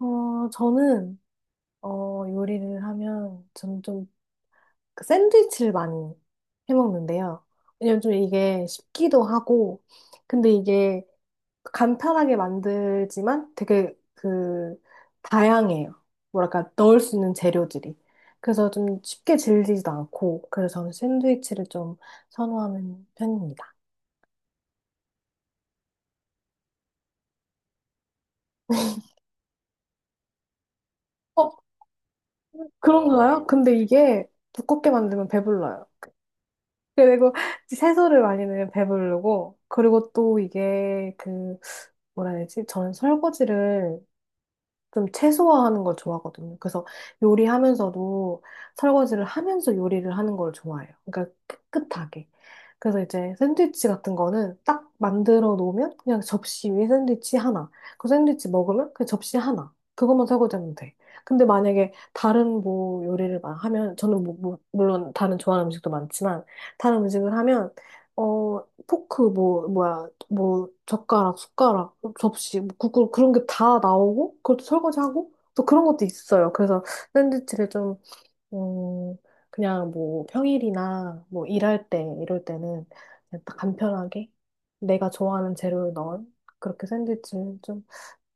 저는, 요리를 하면, 저는 좀 샌드위치를 많이 해 먹는데요. 왜냐면 좀 이게 쉽기도 하고, 근데 이게 간편하게 만들지만 되게 다양해요. 뭐랄까, 넣을 수 있는 재료들이. 그래서 좀 쉽게 질리지도 않고, 그래서 저는 샌드위치를 좀 선호하는 편입니다. 어, 그런가요? 근데 이게 두껍게 만들면 배불러요. 그리고 채소를 많이 넣으면 배부르고, 그리고 또 이게 뭐라 해야 되지? 저는 설거지를 좀 최소화하는 걸 좋아하거든요. 그래서 요리하면서도 설거지를 하면서 요리를 하는 걸 좋아해요. 그러니까 깨끗하게. 그래서 이제 샌드위치 같은 거는 딱 만들어 놓으면 그냥 접시 위에 샌드위치 하나. 그 샌드위치 먹으면 그 접시 하나. 그것만 설거지하면 돼. 근데 만약에 다른 뭐 요리를 막 하면 저는 물론 다른 좋아하는 음식도 많지만 다른 음식을 하면 어, 포크 뭐 뭐야 뭐 젓가락 숟가락 접시 뭐 국물 그런 게 다 나오고 그것도 설거지하고 또 그런 것도 있어요. 그래서 샌드위치를 좀 음, 그냥 뭐 평일이나 뭐 일할 때 이럴 때는 그냥 딱 간편하게 내가 좋아하는 재료를 넣은 그렇게 샌드위치를 좀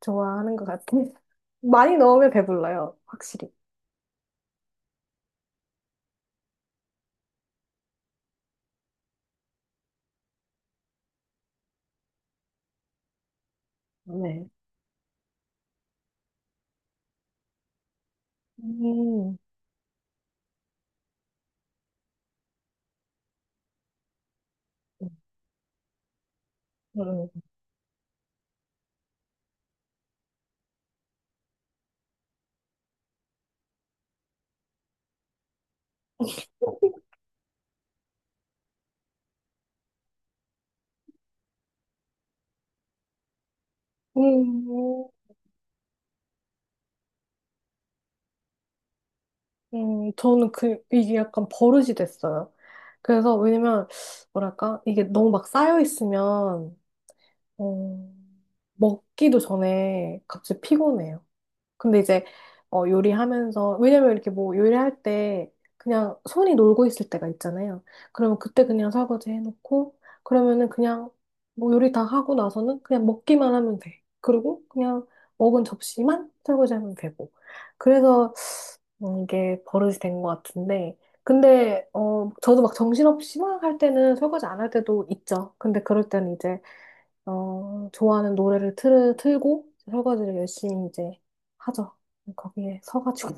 좋아하는 것 같아요. 많이 넣으면 배불러요, 확실히. 네. 음. 음. 음. 저는 이게 약간 버릇이 됐어요. 그래서, 왜냐면, 뭐랄까, 이게 너무 막 쌓여 있으면, 어, 먹기도 전에 갑자기 피곤해요. 근데 이제, 요리하면서, 왜냐면 이렇게 뭐 요리할 때 그냥 손이 놀고 있을 때가 있잖아요. 그러면 그때 그냥 설거지 해놓고, 그러면은 그냥 뭐 요리 다 하고 나서는 그냥 먹기만 하면 돼. 그리고 그냥 먹은 접시만 설거지하면 되고. 그래서 이게 버릇이 된 것 같은데. 근데, 저도 막 정신없이 막 할 때는 설거지 안 할 때도 있죠. 근데 그럴 때는 이제, 좋아하는 노래를 틀고 설거지를 열심히 이제 하죠. 거기에 서가지고.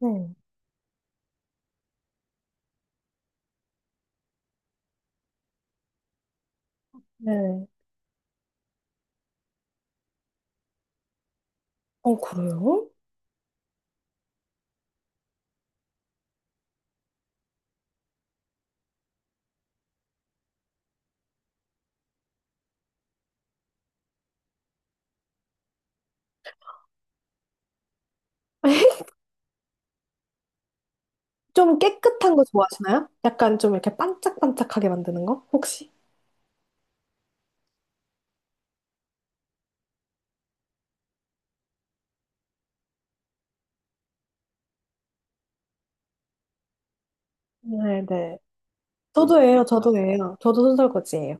네. 네. 그래요? 좀 깨끗한 거 좋아하시나요? 약간 좀 이렇게 반짝반짝하게 만드는 거? 혹시? 네, 네. 저도 예요, 저도 예요. 저도 손설거지예요.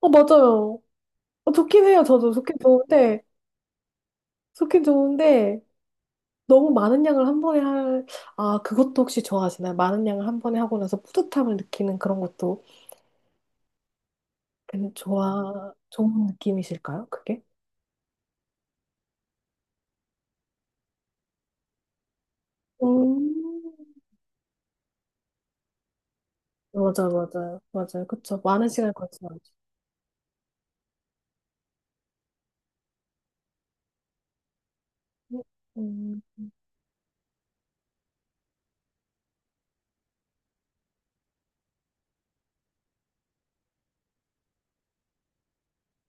맞아요. 좋긴 해요, 저도. 좋긴 좋은데, 좋긴 좋은데, 너무 많은 양을 한 번에 할, 아, 그것도 혹시 좋아하시나요? 많은 양을 한 번에 하고 나서 뿌듯함을 느끼는 그런 것도 좋은 느낌이실까요? 그게? 음, 맞아, 맞아요. 맞아요. 그쵸. 많은 시간을 걸치면 안 돼. 음,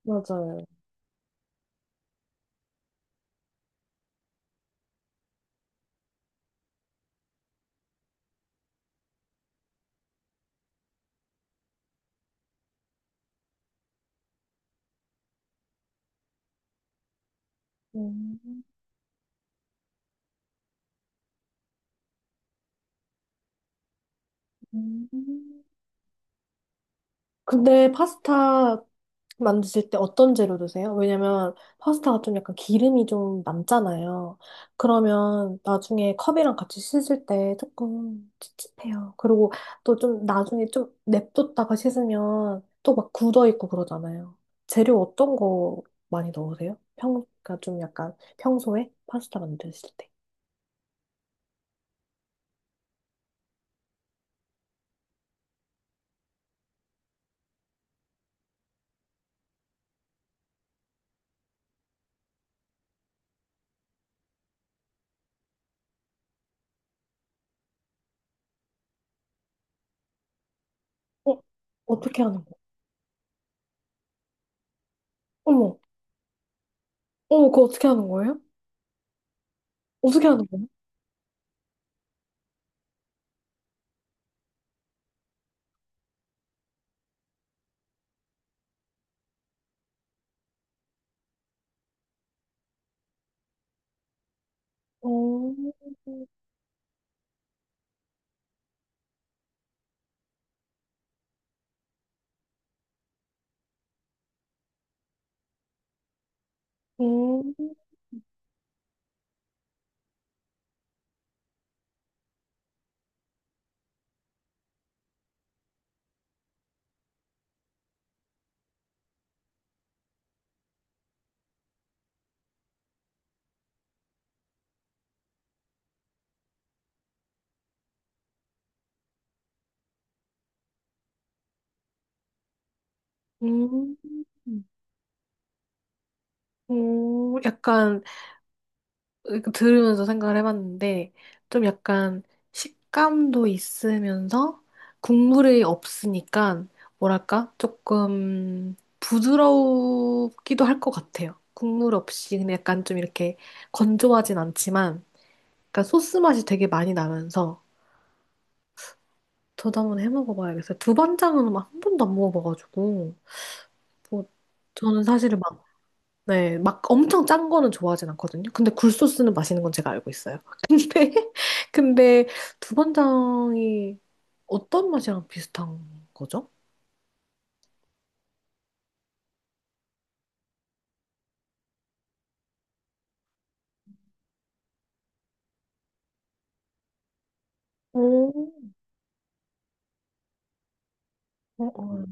맞아요. 음, 음. 근데 파스타 만드실 때 어떤 재료 드세요? 왜냐면 파스타가 좀 약간 기름이 좀 남잖아요. 그러면 나중에 컵이랑 같이 씻을 때 조금 찝찝해요. 그리고 또 좀 나중에 좀 냅뒀다가 씻으면 또 막 굳어 있고 그러잖아요. 재료 어떤 거 많이 넣으세요? 그러니까 좀 약간 평소에 파스타 만드실 때. 어, 어떻게 하는 거예요? 어머, 어머, 그거 어떻게 하는 거예요? 어떻게 하는 거예요? 어, 음. 음, 오, 약간 들으면서 생각을 해봤는데, 좀 약간 식감도 있으면서 국물이 없으니까, 뭐랄까, 조금 부드럽기도 할 것 같아요. 국물 없이, 근데 약간 좀 이렇게 건조하진 않지만, 약간 소스 맛이 되게 많이 나면서, 저도 한번 해 먹어봐야겠어요. 두반장은 막 한 번도 안 먹어봐가지고, 뭐, 저는 사실 막 네, 막 엄청 짠 거는 좋아하진 않거든요. 근데 굴소스는 마시는 건 제가 알고 있어요. 근데, 근데 두반장이 어떤 맛이랑 비슷한 거죠? 오, 어, 어.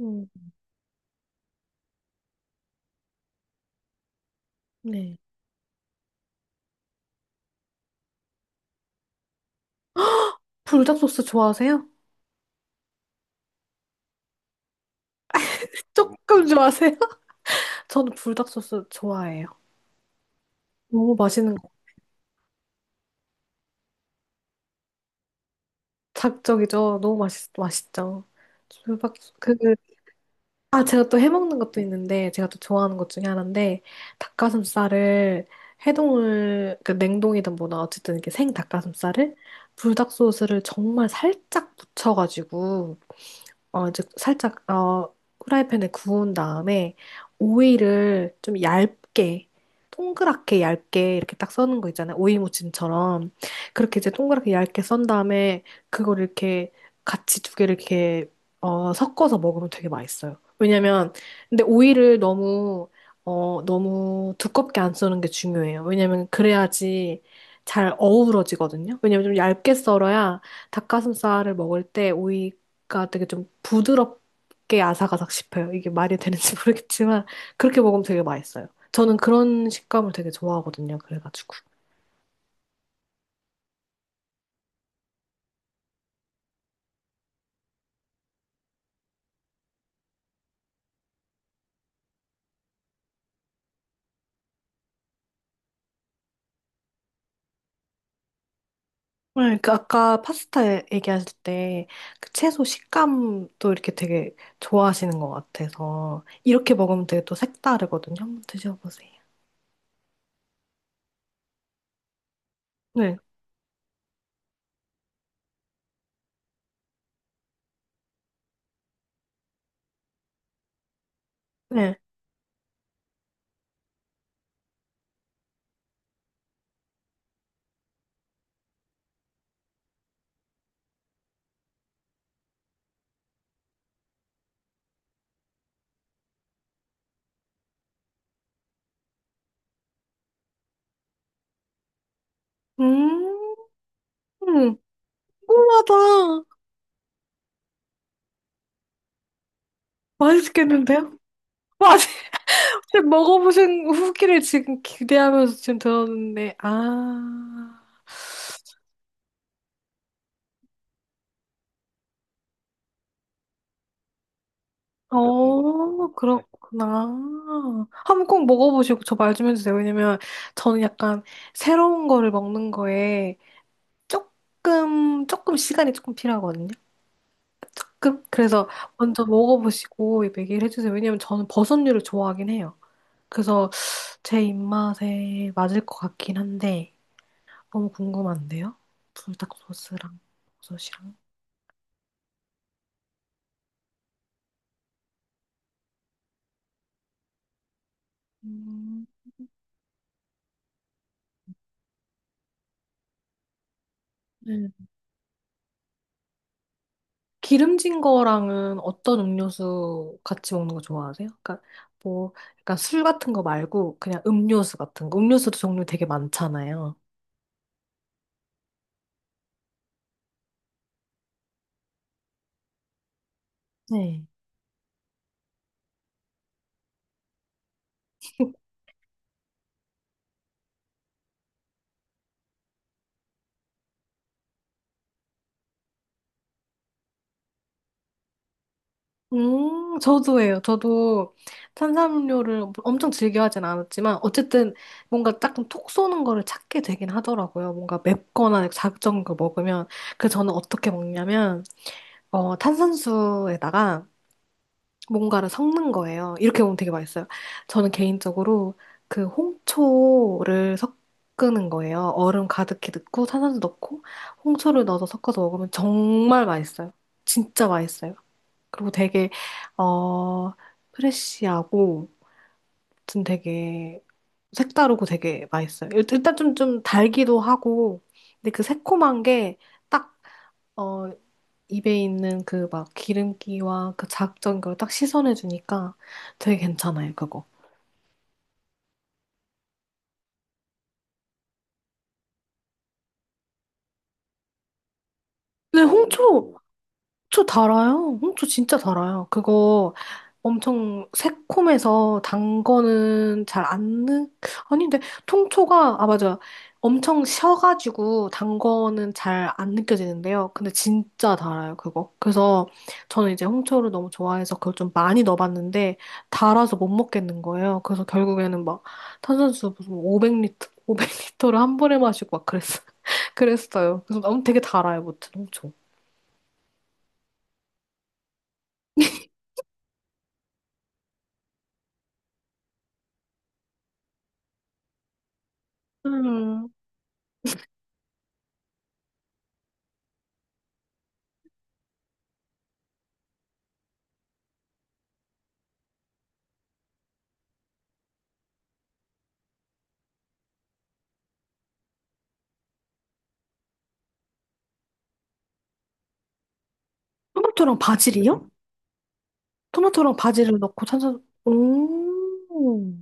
음, 네. 불닭 소스 좋아하세요? 조금 좋아하세요? 저는 불닭 소스 좋아해요. 너무 맛있는 거. 자극적이죠? 너무 맛있죠? 불닭, 그, 아, 제가 또 해먹는 것도 있는데, 제가 또 좋아하는 것 중에 하나인데, 닭가슴살을 해동을, 그 냉동이든 뭐든 어쨌든 이렇게 생 닭가슴살을 불닭 소스를 정말 살짝 묻혀가지고, 이제 살짝, 후라이팬에 구운 다음에 오이를 좀 얇게, 동그랗게 얇게 이렇게 딱 써는 거 있잖아요. 오이 무침처럼. 그렇게 이제 동그랗게 얇게 썬 다음에 그걸 이렇게 같이 두 개를 이렇게, 섞어서 먹으면 되게 맛있어요. 왜냐면, 근데 오이를 너무 두껍게 안 써는 게 중요해요. 왜냐면 그래야지 잘 어우러지거든요. 왜냐면 좀 얇게 썰어야 닭가슴살을 먹을 때 오이 가 되게 좀 부드럽게 아삭아삭 씹혀요. 이게 말이 되는지 모르겠지만 그렇게 먹으면 되게 맛있어요. 저는 그런 식감을 되게 좋아하거든요. 그래가지고. 네, 그 아까 파스타 얘기하실 때 그 채소 식감도 이렇게 되게 좋아하시는 것 같아서 이렇게 먹으면 되게 또 색다르거든요. 한번 드셔보세요. 네, 네. 음, 궁금하다. 맛있겠는데요? 맞아요. 지금 먹어보신 후기를 지금 기대하면서 지금 들었는데, 아, 오, 어, 네. 그렇구나. 한번 꼭 먹어보시고 저 말 좀 해주세요. 왜냐면 저는 약간 새로운 거를 먹는 거에 조금 시간이 조금 필요하거든요. 조금? 그래서 먼저 먹어보시고 얘기를 해주세요. 왜냐면 저는 버섯류를 좋아하긴 해요. 그래서 제 입맛에 맞을 것 같긴 한데, 너무 궁금한데요? 불닭 소스랑 버섯이랑. 음. 네. 기름진 거랑은 어떤 음료수 같이 먹는 거 좋아하세요? 그러니까 뭐 약간 술 같은 거 말고 그냥 음료수 같은 거. 음료수도 종류 되게 많잖아요. 네. 저도예요. 저도 탄산음료를 엄청 즐겨 하진 않았지만 어쨌든 뭔가 조금 톡 쏘는 거를 찾게 되긴 하더라고요. 뭔가 맵거나 자극적인 걸 먹으면 저는 어떻게 먹냐면 탄산수에다가 뭔가를 섞는 거예요. 이렇게 보면 되게 맛있어요. 저는 개인적으로 그 홍초를 섞는 거예요. 얼음 가득히 넣고 탄산수 넣고 홍초를 넣어서 섞어서 먹으면 정말 맛있어요. 진짜 맛있어요. 그리고 되게 어 프레쉬하고 좀 되게 색다르고 되게 맛있어요. 일단 좀 달기도 하고 근데 그 새콤한 게딱어 입에 있는 그 막 기름기와 그 자극적인 걸 딱 씻어내 주니까 되게 괜찮아요, 그거. 근데 홍초, 저 달아요. 저 진짜 달아요. 그거 엄청 새콤해서 단 거는 잘 안 느, 아닌데, 통초가, 아, 맞아. 엄청 셔가지고 단 거는 잘 안 느껴지는데요. 근데 진짜 달아요, 그거. 그래서 저는 이제 홍초를 너무 좋아해서 그걸 좀 많이 넣어봤는데, 달아서 못 먹겠는 거예요. 그래서 결국에는 막 탄산수 무슨 500리터, 500리터를 한 번에 마시고 막 그랬어, 그랬어요. 그래서 너무 되게 달아요, 무튼 홍초. 음. 토마토랑 바질이요? 토마토랑 바질을 넣고 탄산, 오,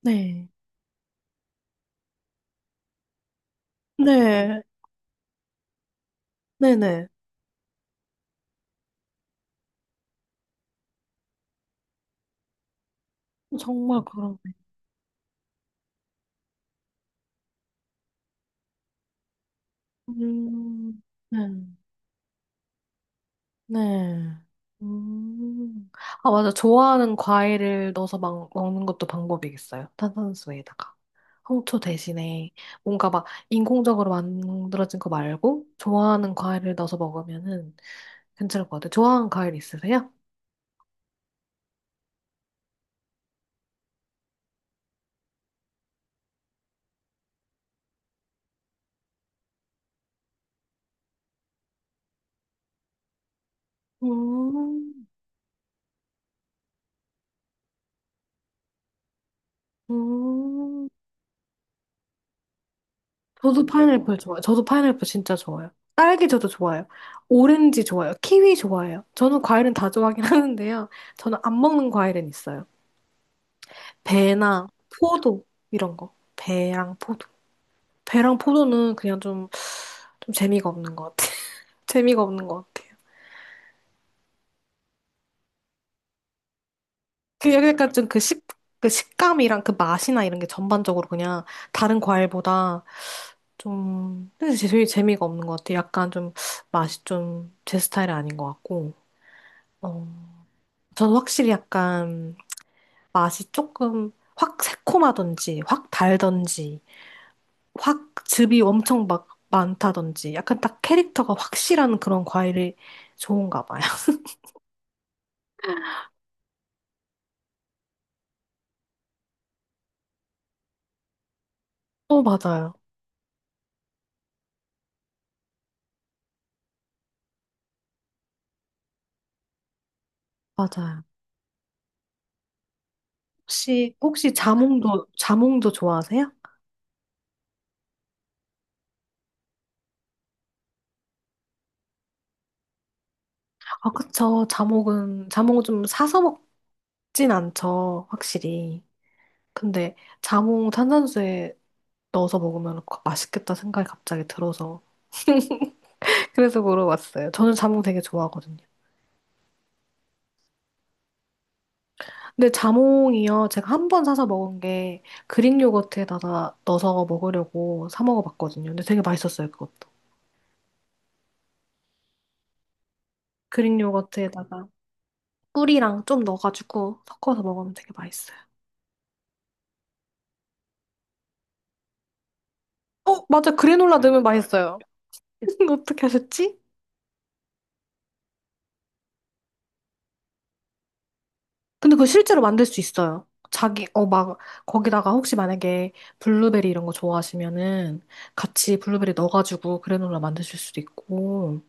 네. 네, 네네. 정말 그러네. 음, 네, 네. 음. 아, 맞아. 좋아하는 과일을 넣어서 막 먹는 것도 방법이겠어요. 탄산수에다가. 홍초 대신에 뭔가 막 인공적으로 만들어진 거 말고 좋아하는 과일을 넣어서 먹으면은 괜찮을 것 같아요. 좋아하는 과일 있으세요? 음, 음. 저도 파인애플 좋아요. 저도 파인애플 진짜 좋아요. 딸기 저도 좋아요. 오렌지 좋아요. 키위 좋아해요. 저는 과일은 다 좋아하긴 하는데요. 저는 안 먹는 과일은 있어요. 배나 포도 이런 거. 배랑 포도. 배랑 포도는 그냥 좀, 재미가 없는 것 같아요. 재미가 없는 것 같아요. 약간 좀 그 식감이랑 그 맛이나 이런 게 전반적으로 그냥 다른 과일보다 좀 근데 제일 재미가 없는 것 같아요. 약간 좀 맛이 좀 제 스타일이 아닌 것 같고. 어. 저는 확실히 약간 맛이 조금 확 새콤하던지, 확 달던지, 확 즙이 엄청 막 많다던지, 약간 딱 캐릭터가 확실한 그런 과일이 좋은가 봐요. 맞아요. 맞아요. 혹시 자몽도 좋아하세요? 아, 그쵸. 자몽은 좀 사서 먹진 않죠. 확실히. 근데 자몽 탄산수에 넣어서 먹으면 맛있겠다 생각이 갑자기 들어서. 그래서 물어봤어요. 저는 자몽 되게 좋아하거든요. 근데 자몽이요. 제가 한 번 사서 먹은 게 그릭 요거트에다가 넣어서 먹으려고 사 먹어봤거든요. 근데 되게 맛있었어요, 그것도. 그릭 요거트에다가 꿀이랑 좀 넣어가지고 섞어서 먹으면 되게 맛있어요. 맞아. 그래놀라 넣으면 맛있어요. 어떻게 하셨지? 근데 그거 실제로 만들 수 있어요. 자기, 막, 거기다가 혹시 만약에 블루베리 이런 거 좋아하시면은 같이 블루베리 넣어가지고 그래놀라 만드실 수도 있고.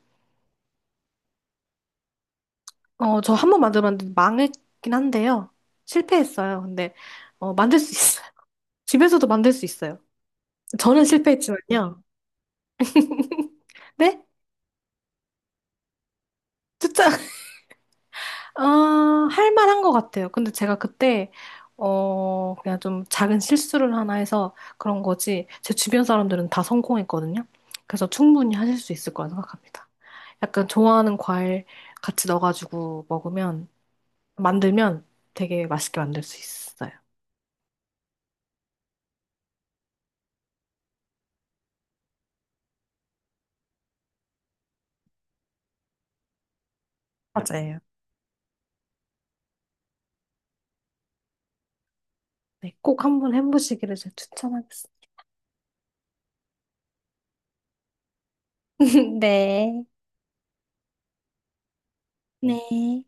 저 한 번 만들었는데 망했긴 한데요. 실패했어요. 근데, 만들 수 있어요. 집에서도 만들 수 있어요. 저는 실패했지만요. 네? 진짜, 할 만한 것 같아요. 근데 제가 그때, 그냥 좀 작은 실수를 하나 해서 그런 거지, 제 주변 사람들은 다 성공했거든요. 그래서 충분히 하실 수 있을 거라 생각합니다. 약간 좋아하는 과일 같이 넣어가지고 먹으면, 만들면 되게 맛있게 만들 수 있어요. 맞아요. 네, 꼭 한번 해보시기를 제가 추천하겠습니다. 네. 네. 네.